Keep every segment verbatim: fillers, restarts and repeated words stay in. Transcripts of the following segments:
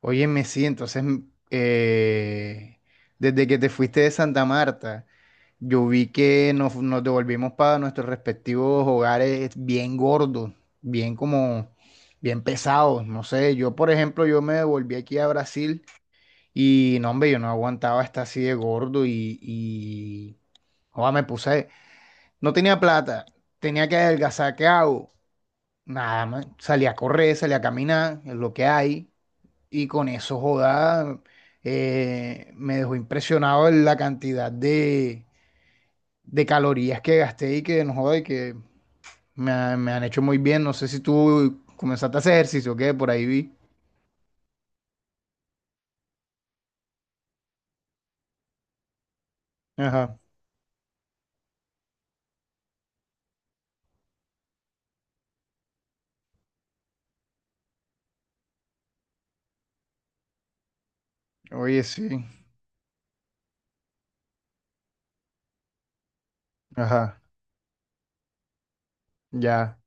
Óyeme, sí, entonces, mm, eh, desde que te fuiste de Santa Marta, yo vi que nos, nos devolvimos para nuestros respectivos hogares bien gordos, bien como, bien pesados, no sé, yo por ejemplo, yo me devolví aquí a Brasil y no, hombre, yo no aguantaba estar así de gordo y, y, joda, me puse, no tenía plata, tenía que adelgazar, ¿qué hago? Nada más, salí a correr, salí a caminar, es lo que hay. Y con eso, joda, eh, me dejó impresionado en la cantidad de, de calorías que gasté y que no joda y que me, ha- me han hecho muy bien. No sé si tú comenzaste a hacer ejercicio o qué, por ahí vi. Ajá. Oye, sí. Ajá. Ya.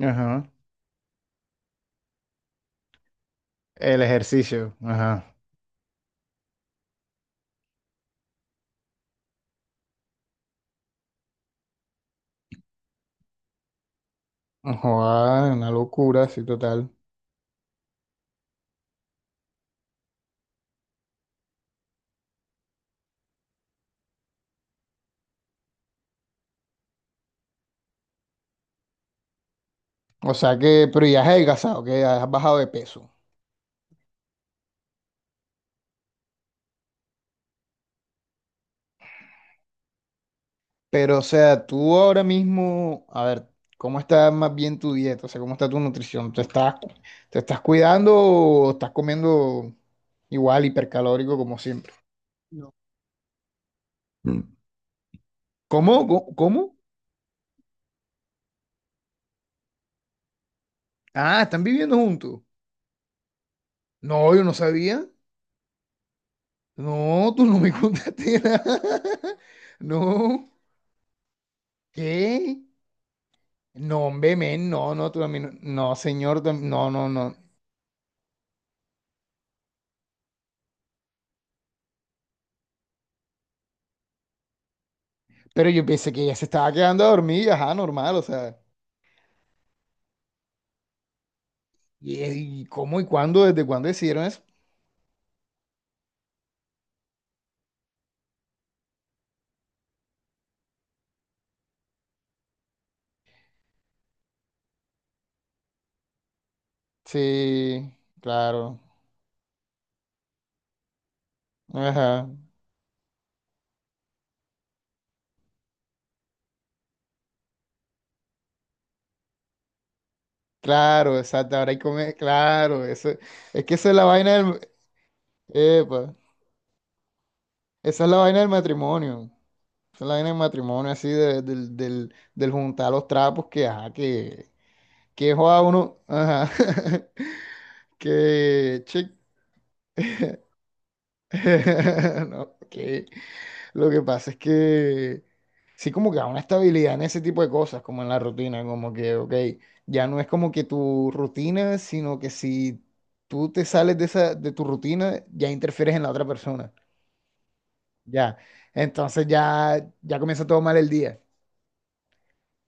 Ajá. El ejercicio. Ajá. Joda, una locura, sí, total. O sea que, pero ya has adelgazado, que ya has bajado de peso. Pero, o sea, tú ahora mismo, a ver, ¿cómo está más bien tu dieta? O sea, ¿cómo está tu nutrición? ¿Te estás, te estás cuidando o estás comiendo igual hipercalórico como siempre? No. Mm. ¿Cómo? ¿Cómo? ¿Cómo? Ah, ¿están viviendo juntos? No, yo no sabía. No, tú no me contaste nada. No, ¿qué? No, hombre, men, no, no, tú también. No, no, señor, tam- no, no, no. Pero yo pensé que ella se estaba quedando a dormir, ajá, normal, o sea. ¿Y, y cómo y cuándo? ¿Desde cuándo decidieron eso? Sí, claro. Ajá. Claro, exacto. Ahora hay que comer. Claro, eso. Es que esa es la vaina del. Epa. Esa es la vaina del matrimonio. Esa es la vaina del matrimonio, así, de- del, del, del juntar los trapos que, ajá, que. Que joda uno. Ajá. Que. Che. No, que lo que pasa es que sí como que da una estabilidad en ese tipo de cosas, como en la rutina, como que, ok, ya no es como que tu rutina, sino que si tú te sales de esa, de tu rutina, ya interfieres en la otra persona, ya. Entonces ya, ya comienza todo mal el día,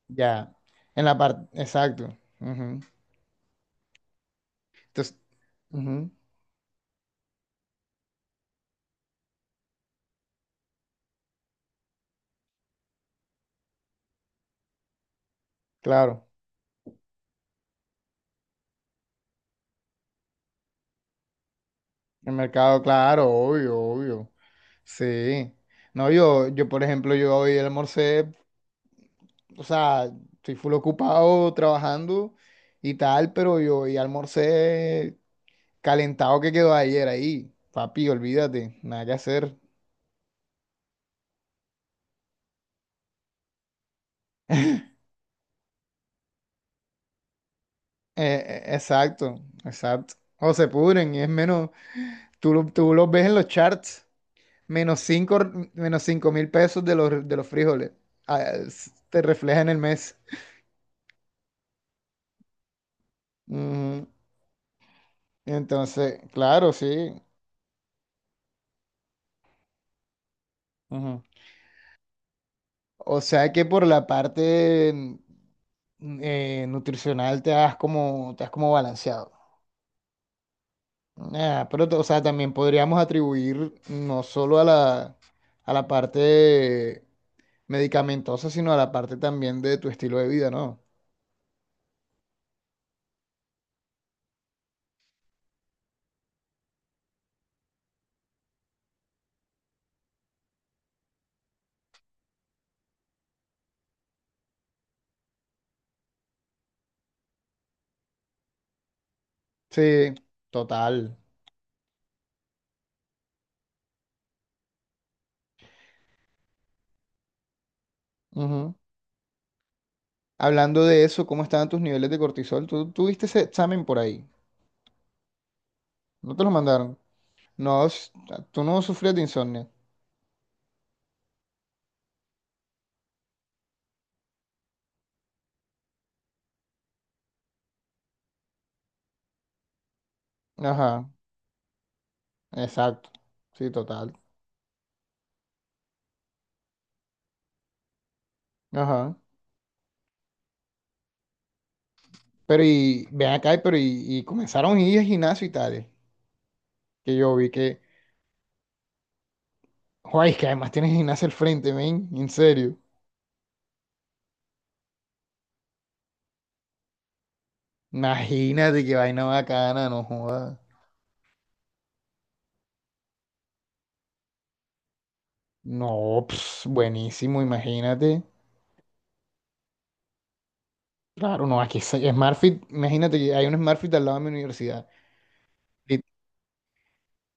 ya. En la parte, exacto. Ujú. Entonces, ujú, claro, el mercado, claro, obvio, obvio, sí. No, yo, yo, por ejemplo, yo hoy almorcé, o sea, estoy full ocupado trabajando y tal, pero yo y almorcé calentado que quedó ayer ahí. Papi, olvídate, nada que hacer. Eh, eh, exacto, exacto. O se pudren y es menos, tú, lo- tú los ves en los charts, menos cinco menos cinco mil pesos de los, de los frijoles. Ah, es- te refleja en el mes. Ujú. Entonces, claro, sí. O sea que por la parte mm, eh, nutricional te has como, te has como balanceado. Ah, pero, o sea, también podríamos atribuir no solo a la, a la parte medicamentosa, sino a la parte también de tu estilo de vida, ¿no? Sí, total. Ujú. Hablando de eso, ¿cómo estaban tus niveles de cortisol? ¿Tú tuviste ese examen por ahí? ¿No te lo mandaron? No, s- Tú no sufrías de insomnio. Ajá, exacto. Sí, total. Ajá. Pero y ven acá, pero y, y comenzaron a ir al gimnasio y tales. Que yo vi que, joder, es que además tienes gimnasio al frente, men, en serio. Imagínate qué vaina bacana, no joda. No, ps, buenísimo, imagínate. Claro, no, aquí es SmartFit, imagínate que hay un SmartFit al lado de mi universidad. Y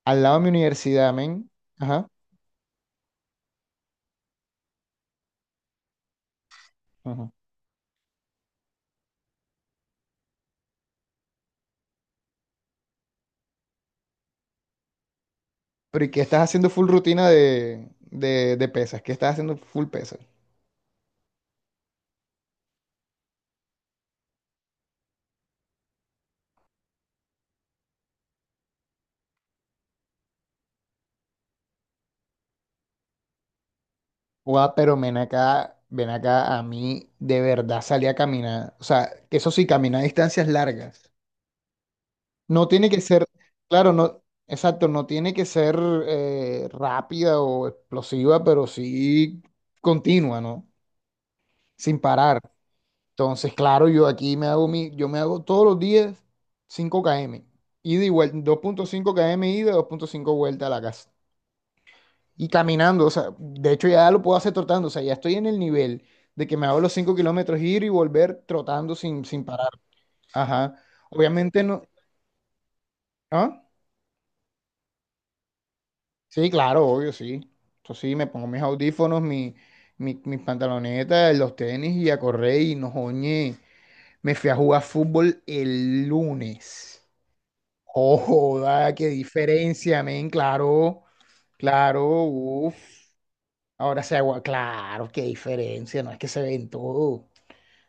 al lado de mi universidad, men. Ajá. Ajá. Pero ¿y qué estás haciendo full rutina de, de, de pesas? ¿Qué estás haciendo full pesas? Guau, pero ven acá, ven acá, a mí de verdad salí a caminar. O sea, que eso sí, caminar distancias largas. No tiene que ser, claro, no, exacto, no tiene que ser eh, rápida o explosiva, pero sí continua, ¿no? Sin parar. Entonces, claro, yo aquí me hago mi, yo me hago todos los días cinco km. Ida y vuelta, dos punto cinco km ida, dos punto cinco vuelta a la casa. Y caminando, o sea, de hecho ya lo puedo hacer trotando, o sea, ya estoy en el nivel de que me hago los cinco kilómetros ir y volver trotando sin, sin parar. Ajá. Obviamente no. ¿Ah? Sí, claro, obvio, sí. Entonces sí, me pongo mis audífonos, mi, mi- mis pantalonetas, los tenis y a correr y no joñe. Me fui a jugar fútbol el lunes. Oh, joda, qué diferencia, men, claro, claro, uff. Ahora se agua, claro, qué diferencia, no es que se ven todo.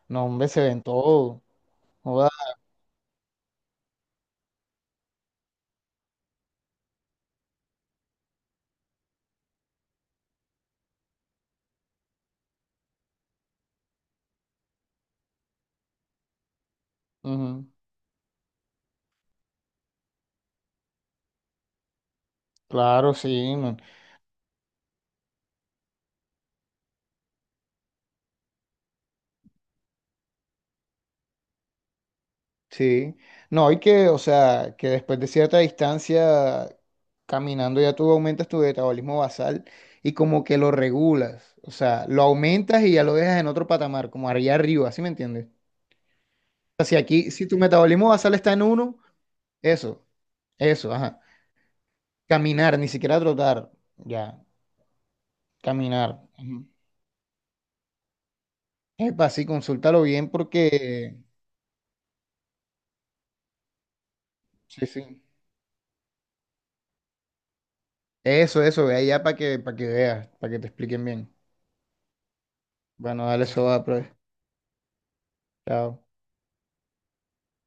No, hombre, se ven todo. Joda. Ujú. Claro, sí, man. Sí. No, y que, o sea, que después de cierta distancia, caminando ya tú aumentas tu metabolismo basal y como que lo regulas. O sea, lo aumentas y ya lo dejas en otro patamar, como allá arriba, ¿sí me entiendes? O sea, si aquí, si tu metabolismo basal está en uno, eso, eso, ajá. Caminar, ni siquiera trotar, ya, caminar. Ujú. Epa, sí, consúltalo bien porque, sí, sí. Eso, eso, ve allá para que, para que veas, para que te expliquen bien. Bueno, dale, eso va, pues. Chao.